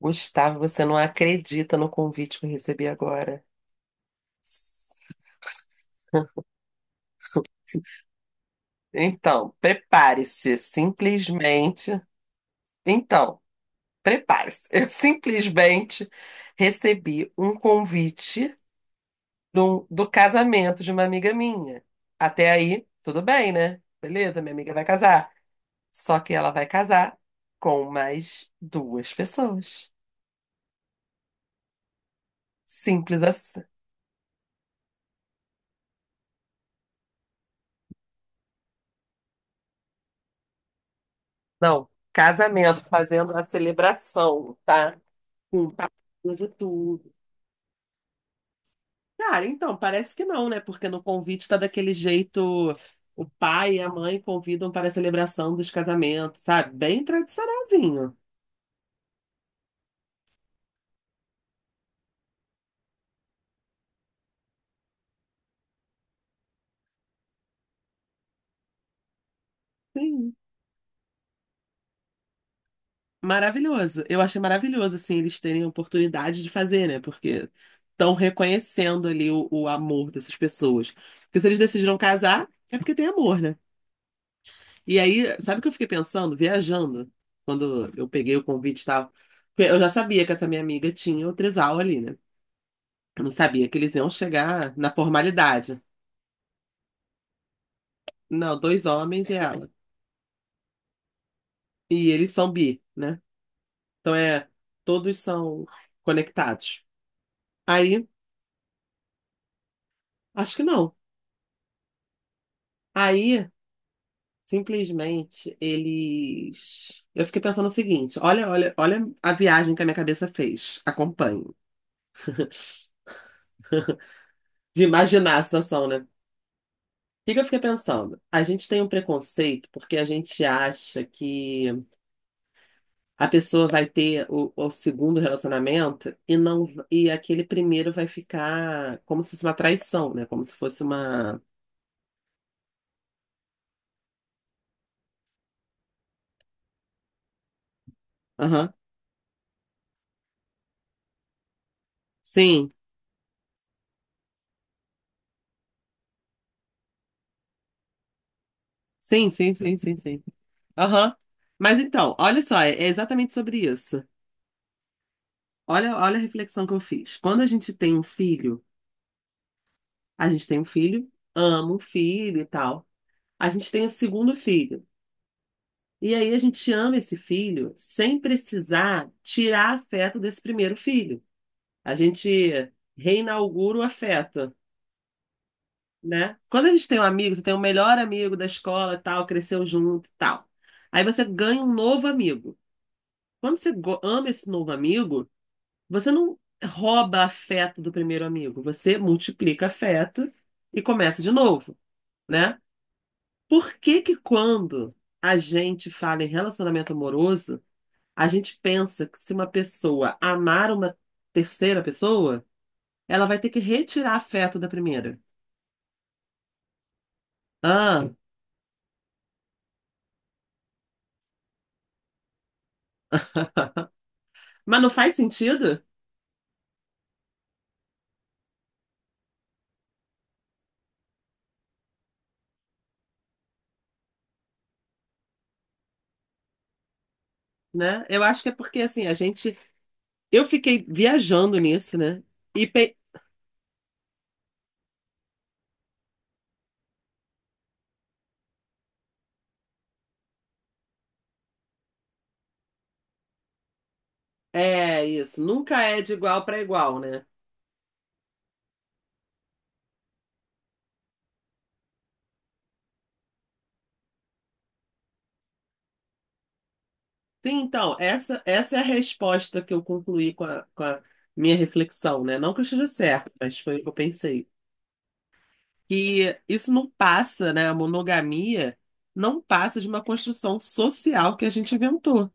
Gustavo, você não acredita no convite que eu recebi agora. Então, prepare-se, simplesmente. Então, prepare-se. Eu simplesmente recebi um convite do casamento de uma amiga minha. Até aí, tudo bem, né? Beleza, minha amiga vai casar. Só que ela vai casar com mais duas pessoas. Simples assim. Não, casamento, fazendo a celebração, tá? Com papo de tudo. Cara, então, parece que não, né? Porque no convite tá daquele jeito, o pai e a mãe convidam para a celebração dos casamentos, sabe? Bem tradicionalzinho. Sim. Maravilhoso. Eu achei maravilhoso, assim, eles terem a oportunidade de fazer, né? Porque estão reconhecendo ali o amor dessas pessoas. Porque se eles decidiram casar, é porque tem amor, né? E aí, sabe o que eu fiquei pensando? Viajando, quando eu peguei o convite e tal. Porque eu já sabia que essa minha amiga tinha o trisal ali, né? Não sabia que eles iam chegar na formalidade. Não, dois homens e ela. E eles são bi, né? Então é, todos são conectados. Aí, acho que não. Aí, simplesmente, eles. Eu fiquei pensando o seguinte: olha, olha, olha a viagem que a minha cabeça fez. Acompanhe. De imaginar a situação, né? O que que eu fiquei pensando? A gente tem um preconceito porque a gente acha que a pessoa vai ter o segundo relacionamento e não e aquele primeiro vai ficar como se fosse uma traição, né? Como se fosse uma. Aham. Sim, sim, sim, sim, sim, sim. Aham. Mas então, olha só, é exatamente sobre isso. Olha, olha a reflexão que eu fiz. Quando a gente tem um filho, a gente tem um filho, ama o filho e tal. A gente tem o segundo filho. E aí a gente ama esse filho sem precisar tirar afeto desse primeiro filho. A gente reinaugura o afeto, né? Quando a gente tem um amigo, você tem o melhor amigo da escola, e tal, cresceu junto, e tal. Aí você ganha um novo amigo. Quando você ama esse novo amigo, você não rouba afeto do primeiro amigo, você multiplica afeto e começa de novo, né? Por que que quando a gente fala em relacionamento amoroso, a gente pensa que se uma pessoa amar uma terceira pessoa, ela vai ter que retirar afeto da primeira? Ah, mas não faz sentido, né? Eu acho que é porque assim, a gente. Eu fiquei viajando nisso, né? E é isso, nunca é de igual para igual, né? Sim, então, essa é a resposta que eu concluí com a minha reflexão, né? Não que eu esteja certo, mas foi o que eu pensei. Que isso não passa, né? A monogamia não passa de uma construção social que a gente inventou.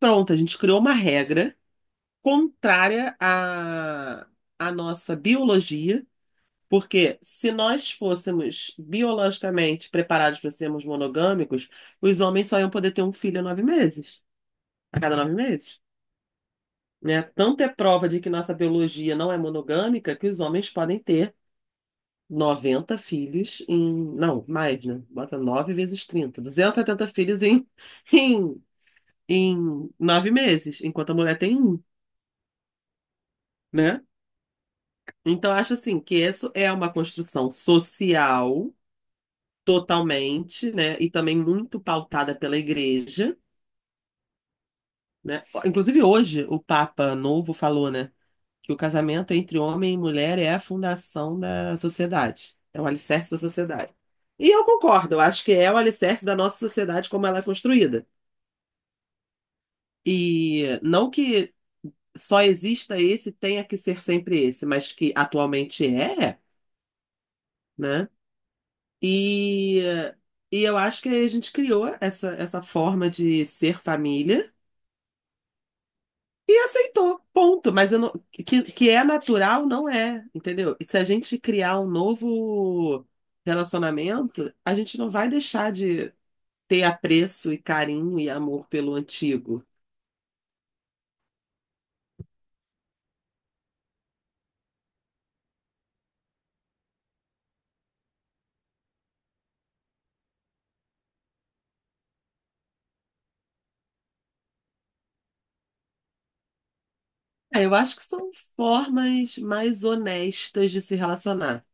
Pronto, a gente criou uma regra contrária à nossa biologia. Porque se nós fôssemos biologicamente preparados para sermos monogâmicos, os homens só iam poder ter um filho a 9 meses, a cada 9 meses, né? Tanto é prova de que nossa biologia não é monogâmica que os homens podem ter 90 filhos em... Não, mais, né? Bota 9 vezes 30, 270 filhos em, em, em 9 meses, enquanto a mulher tem um, né? Então, acho assim que isso é uma construção social totalmente, né? E também muito pautada pela igreja, né? Inclusive hoje o Papa Novo falou, né, que o casamento entre homem e mulher é a fundação da sociedade, é o alicerce da sociedade. E eu concordo, eu acho que é o alicerce da nossa sociedade como ela é construída. E não que só exista esse, tenha que ser sempre esse, mas que atualmente é, né? E, e eu acho que a gente criou essa forma de ser família. E aceitou, ponto. Mas eu não- que é natural, não é, entendeu? E se a gente criar um novo relacionamento, a gente não vai deixar de ter apreço e carinho e amor pelo antigo. É, eu acho que são formas mais honestas de se relacionar,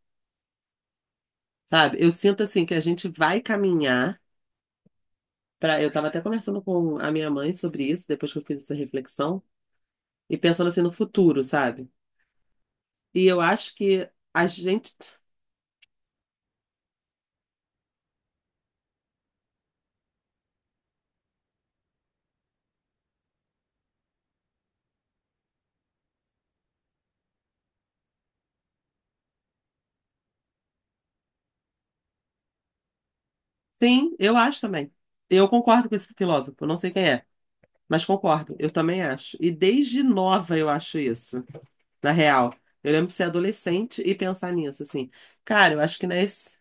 sabe? Eu sinto assim que a gente vai caminhar para. Eu estava até conversando com a minha mãe sobre isso, depois que eu fiz essa reflexão, e pensando assim no futuro, sabe? E eu acho que a gente. Sim, eu acho também. Eu concordo com esse filósofo, não sei quem é, mas concordo, eu também acho. E desde nova eu acho isso, na real. Eu lembro de ser adolescente e pensar nisso, assim. Cara, eu acho que não é esse.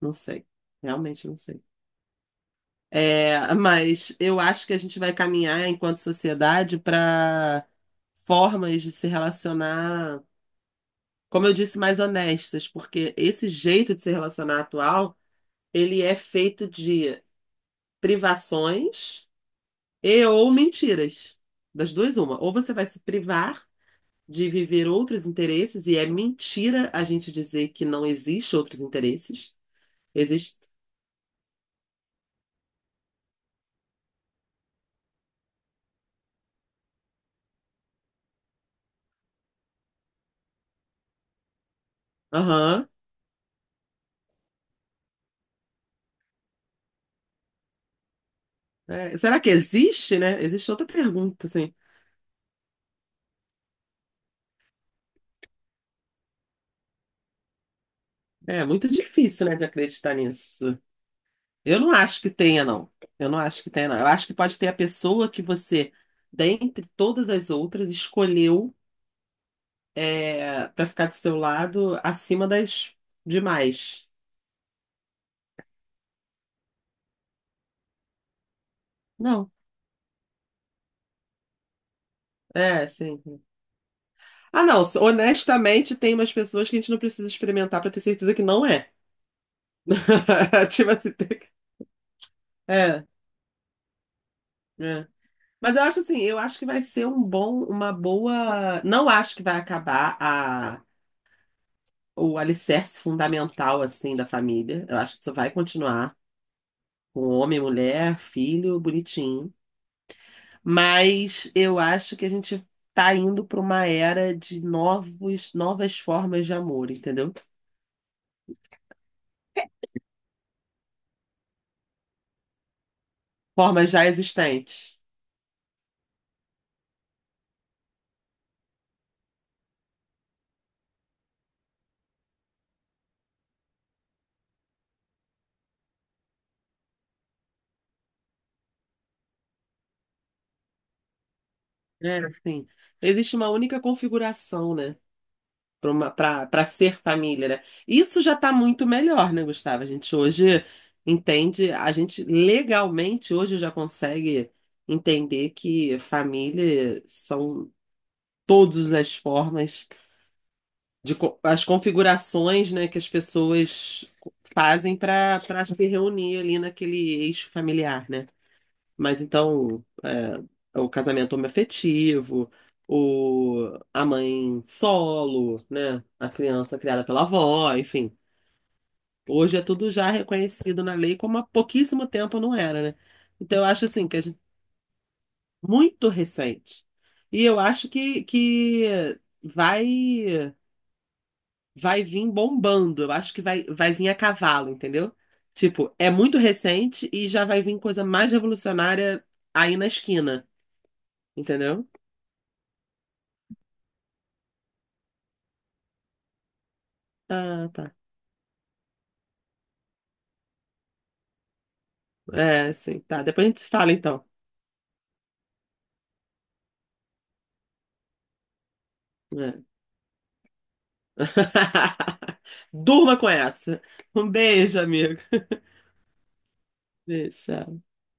Não sei, realmente não sei. É, mas eu acho que a gente vai caminhar enquanto sociedade para formas de se relacionar, como eu disse, mais honestas, porque esse jeito de se relacionar atual, ele é feito de privações e ou mentiras. Das duas, uma. Ou você vai se privar de viver outros interesses, e é mentira a gente dizer que não existe outros interesses. Existe. Aham. É, será que existe, né? Existe outra pergunta, assim. É muito difícil, né, de acreditar nisso. Eu não acho que tenha, não. Eu não acho que tenha, não. Eu acho que pode ter a pessoa que você, dentre todas as outras, escolheu é, para ficar do seu lado acima das demais. Não. É, sim. Ah, não, honestamente, tem umas pessoas que a gente não precisa experimentar pra ter certeza que não é. Tipo assim, é, é. Mas eu acho assim, eu acho que vai ser um bom, uma boa. Não acho que vai acabar o alicerce fundamental assim da família. Eu acho que isso vai continuar com homem, mulher, filho, bonitinho. Mas eu acho que a gente tá indo pra uma era de novos, novas formas de amor, entendeu? Formas já existentes. É, sim. Existe uma única configuração, né? Para uma, para ser família, né? Isso já está muito melhor, né, Gustavo? A gente hoje entende, a gente legalmente hoje já consegue entender que família são todas as formas de co- as configurações, né, que as pessoas fazem para se reunir ali naquele eixo familiar, né? Mas então, é, o casamento homoafetivo, o, a mãe solo, né? A criança criada pela avó, enfim. Hoje é tudo já reconhecido na lei, como há pouquíssimo tempo não era, né? Então, eu acho assim, que a gente, muito recente. E eu acho que vai, vai, vir bombando, eu acho que vai vir a cavalo, entendeu? Tipo, é muito recente e já vai vir coisa mais revolucionária aí na esquina, entendeu? Ah, tá. É, sim, tá. Depois a gente se fala, então. É. Durma com essa. Um beijo, amigo. Beijo. Tchau.